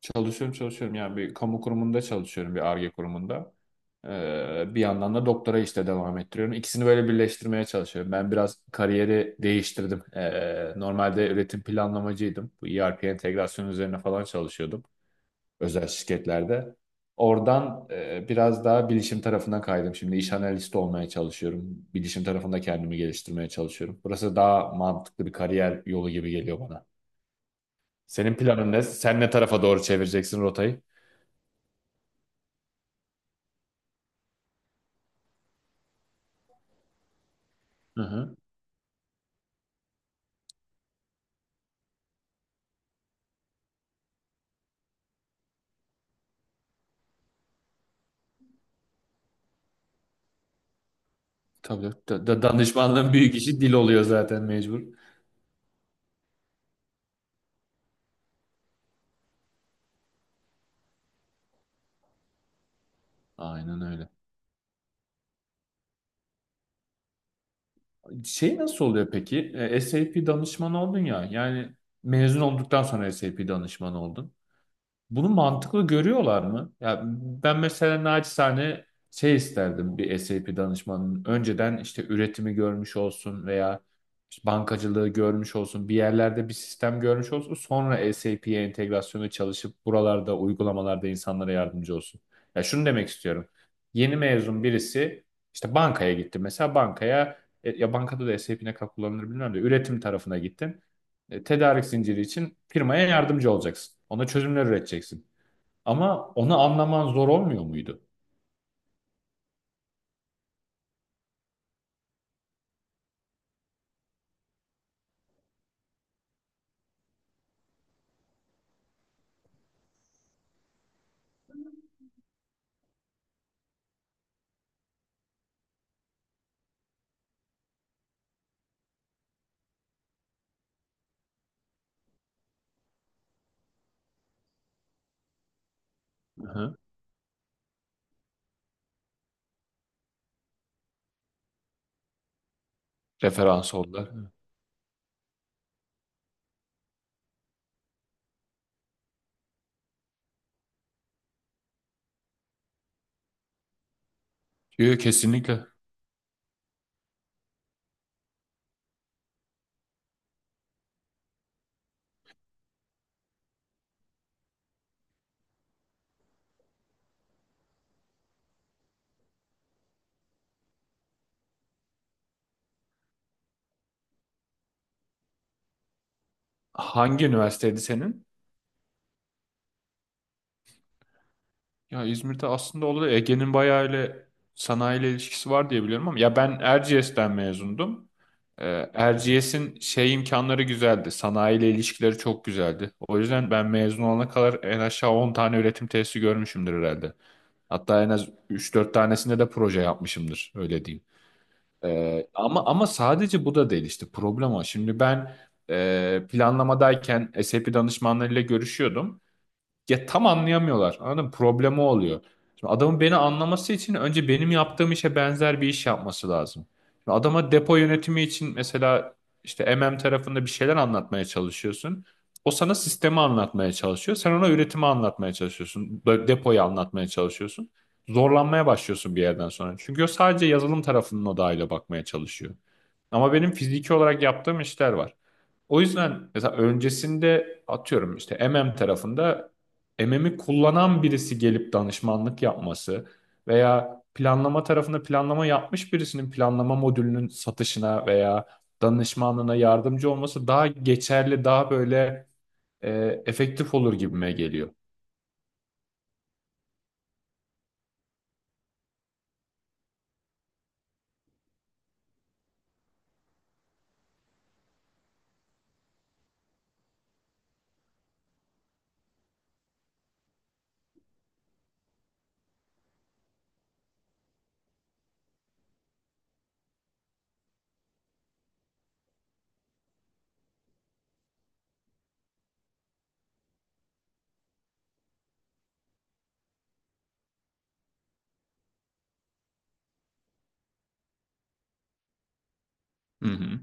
Çalışıyorum çalışıyorum yani bir kamu kurumunda çalışıyorum bir Ar-Ge kurumunda. Bir yandan da doktora işte devam ettiriyorum. İkisini böyle birleştirmeye çalışıyorum. Ben biraz kariyeri değiştirdim. Normalde üretim planlamacıydım. Bu ERP entegrasyon üzerine falan çalışıyordum özel şirketlerde. Oradan biraz daha bilişim tarafına kaydım. Şimdi iş analisti olmaya çalışıyorum. Bilişim tarafında kendimi geliştirmeye çalışıyorum. Burası daha mantıklı bir kariyer yolu gibi geliyor bana. Senin planın ne? Sen ne tarafa doğru çevireceksin rotayı? Hı hı. Tabii danışmanlığın büyük işi dil oluyor zaten mecbur. Aynen öyle. Şey nasıl oluyor peki? SAP danışmanı oldun ya. Yani mezun olduktan sonra SAP danışmanı oldun. Bunu mantıklı görüyorlar mı? Ya ben mesela naçizane şey isterdim bir SAP danışmanının. Önceden işte üretimi görmüş olsun veya işte bankacılığı görmüş olsun, bir yerlerde bir sistem görmüş olsun. Sonra SAP'ye entegrasyonu çalışıp buralarda uygulamalarda insanlara yardımcı olsun. Ya şunu demek istiyorum. Yeni mezun birisi işte bankaya gitti. Mesela bankaya ya bankada da SAP ne kadar kullanılır bilmiyorum da üretim tarafına gittin. Tedarik zinciri için firmaya yardımcı olacaksın. Ona çözümler üreteceksin. Ama onu anlaman zor olmuyor muydu? Aha. Referans oldular. Diyor kesinlikle. Hangi üniversiteydi senin? Ya İzmir'de aslında oldu. Ege'nin bayağı ile sanayiyle ilişkisi var diye biliyorum ama ya ben Erciyes'ten mezundum. Erciyes'in şey imkanları güzeldi. Sanayiyle ilişkileri çok güzeldi. O yüzden ben mezun olana kadar en aşağı 10 tane üretim tesisi görmüşümdür herhalde. Hatta en az üç dört tanesinde de proje yapmışımdır. Öyle diyeyim. Ama sadece bu da değil işte problem o. Şimdi ben planlamadayken SAP danışmanlarıyla görüşüyordum ya tam anlayamıyorlar. Anladın mı? Problemi oluyor. Şimdi adamın beni anlaması için önce benim yaptığım işe benzer bir iş yapması lazım. Şimdi adama depo yönetimi için mesela işte MM tarafında bir şeyler anlatmaya çalışıyorsun. O sana sistemi anlatmaya çalışıyor. Sen ona üretimi anlatmaya çalışıyorsun. Böyle depoyu anlatmaya çalışıyorsun. Zorlanmaya başlıyorsun bir yerden sonra. Çünkü o sadece yazılım tarafının odağıyla bakmaya çalışıyor. Ama benim fiziki olarak yaptığım işler var. O yüzden mesela öncesinde atıyorum işte MM tarafında MM'i kullanan birisi gelip danışmanlık yapması veya planlama tarafında planlama yapmış birisinin planlama modülünün satışına veya danışmanlığına yardımcı olması daha geçerli, daha böyle efektif olur gibime geliyor. Hı hı.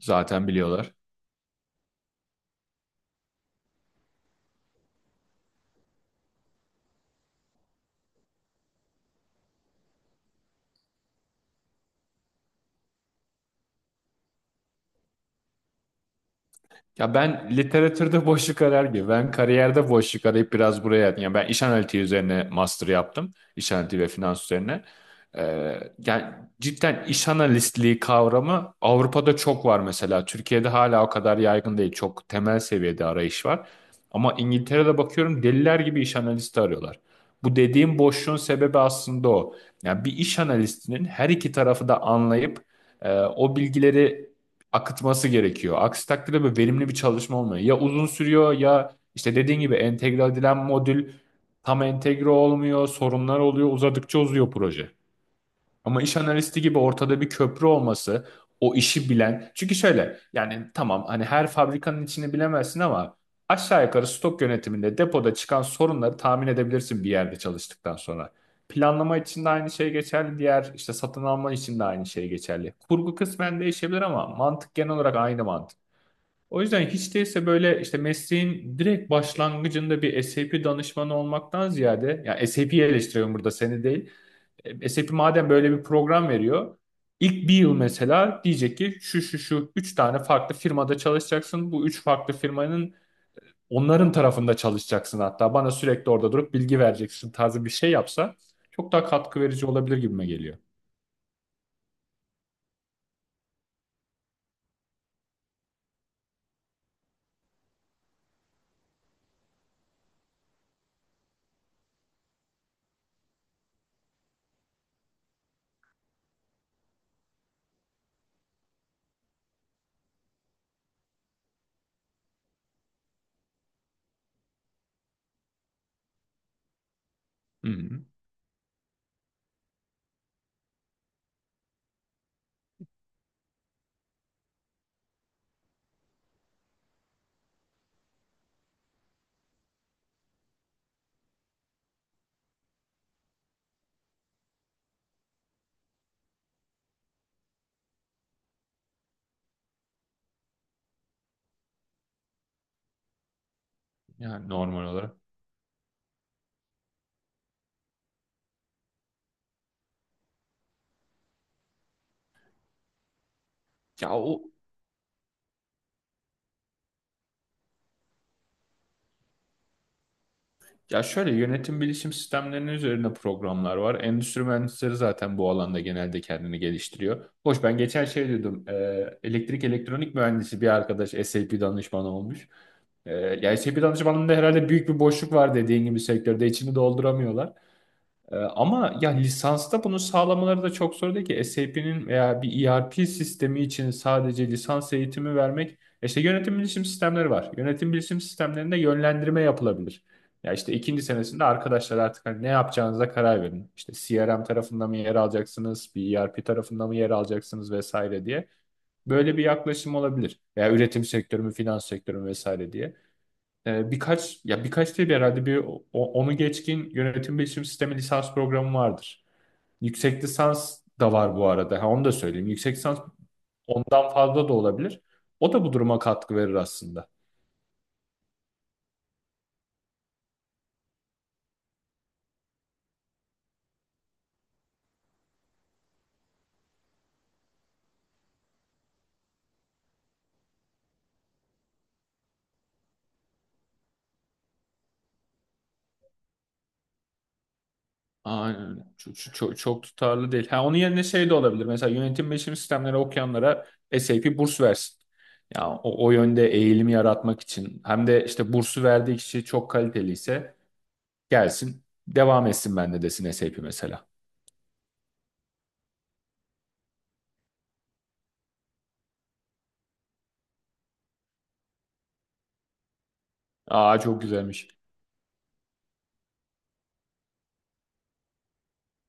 Zaten biliyorlar. Ya ben literatürde boşluk arar gibi. Ben kariyerde boşluk arayıp biraz buraya... Yani ben iş analitiği üzerine master yaptım. İş analitiği ve finans üzerine. Ee, yani cidden iş analistliği kavramı Avrupa'da çok var mesela. Türkiye'de hala o kadar yaygın değil. Çok temel seviyede arayış var. Ama İngiltere'de bakıyorum deliler gibi iş analisti arıyorlar. Bu dediğim boşluğun sebebi aslında o. Yani bir iş analistinin her iki tarafı da anlayıp o bilgileri akıtması gerekiyor. Aksi takdirde böyle verimli bir çalışma olmuyor. Ya uzun sürüyor ya işte dediğin gibi entegre edilen modül tam entegre olmuyor, sorunlar oluyor, uzadıkça uzuyor proje. Ama iş analisti gibi ortada bir köprü olması, o işi bilen. Çünkü şöyle yani tamam hani her fabrikanın içini bilemezsin ama aşağı yukarı stok yönetiminde depoda çıkan sorunları tahmin edebilirsin bir yerde çalıştıktan sonra. Planlama için de aynı şey geçerli, diğer işte satın alma için de aynı şey geçerli. Kurgu kısmen değişebilir ama mantık genel olarak aynı mantık. O yüzden hiç değilse böyle işte mesleğin direkt başlangıcında bir SAP danışmanı olmaktan ziyade, yani SAP'yi eleştiriyorum burada seni değil. SAP madem böyle bir program veriyor, ilk bir yıl mesela diyecek ki şu şu şu üç tane farklı firmada çalışacaksın. Bu üç farklı firmanın onların tarafında çalışacaksın hatta. Bana sürekli orada durup bilgi vereceksin tarzı bir şey yapsa çok daha katkı verici olabilir gibime geliyor. Hı hı. Yani normal olarak. Ya o Ya şöyle yönetim bilişim sistemlerinin üzerine programlar var. Endüstri mühendisleri zaten bu alanda genelde kendini geliştiriyor. Hoş ben geçen şey dedim. Elektrik elektronik mühendisi bir arkadaş SAP danışmanı olmuş. Ya SAP danışmanlığında herhalde büyük bir boşluk var dediğin gibi sektörde içini dolduramıyorlar. Ama ya lisansta bunu sağlamaları da çok zor değil ki. SAP'nin veya bir ERP sistemi için sadece lisans eğitimi vermek. İşte yönetim bilişim sistemleri var. Yönetim bilişim sistemlerinde yönlendirme yapılabilir. Ya işte ikinci senesinde arkadaşlar artık hani ne yapacağınıza karar verin. İşte CRM tarafında mı yer alacaksınız, bir ERP tarafında mı yer alacaksınız vesaire diye. Böyle bir yaklaşım olabilir. Veya üretim sektörü mü, finans sektörü mü vesaire diye birkaç ya birkaç değil herhalde bir onu geçkin yönetim bilişim sistemi lisans programı vardır. Yüksek lisans da var bu arada. Ha, onu da söyleyeyim. Yüksek lisans ondan fazla da olabilir. O da bu duruma katkı verir aslında. Aynen öyle. Çok, çok, çok tutarlı değil. Ha, onun yerine şey de olabilir. Mesela yönetim bilişim sistemleri okuyanlara SAP burs versin. Ya o, o yönde eğilimi yaratmak için hem de işte bursu verdiği kişi çok kaliteliyse gelsin devam etsin bende desin SAP mesela. Aa çok güzelmiş.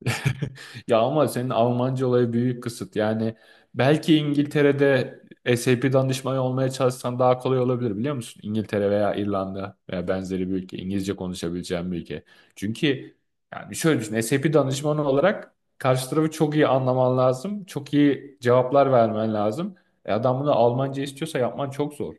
Ya ama senin Almanca olayı büyük kısıt. Yani belki İngiltere'de SAP danışmanı olmaya çalışsan daha kolay olabilir biliyor musun? İngiltere veya İrlanda veya benzeri bir ülke. İngilizce konuşabileceğin bir ülke. Çünkü yani şöyle düşün. SAP danışmanı olarak karşı tarafı çok iyi anlaman lazım. Çok iyi cevaplar vermen lazım. E adam bunu Almanca istiyorsa yapman çok zor.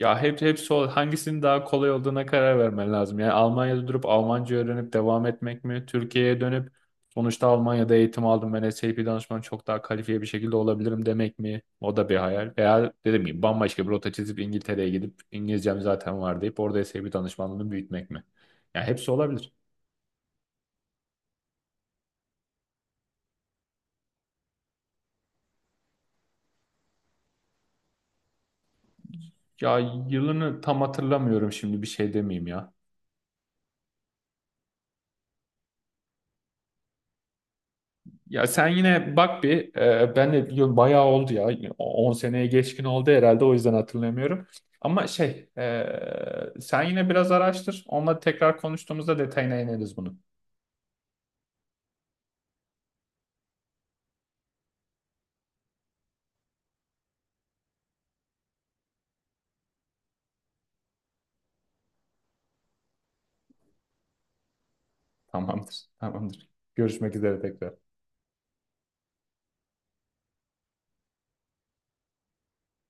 Ya hepsi hangisinin daha kolay olduğuna karar vermen lazım. Yani Almanya'da durup Almanca öğrenip devam etmek mi? Türkiye'ye dönüp sonuçta Almanya'da eğitim aldım ben SAP danışmanı çok daha kalifiye bir şekilde olabilirim demek mi? O da bir hayal. Veya dediğim gibi bambaşka bir rota çizip İngiltere'ye gidip İngilizcem zaten var deyip orada SAP danışmanlığını büyütmek mi? Ya hepsi olabilir. Ya yılını tam hatırlamıyorum şimdi bir şey demeyeyim ya. Ya sen yine bak bir ben de biliyorum bayağı oldu ya 10 seneye geçkin oldu herhalde o yüzden hatırlamıyorum. Ama şey sen yine biraz araştır onunla tekrar konuştuğumuzda detayına ineriz bunu. Tamamdır tamamdır. Görüşmek üzere tekrar.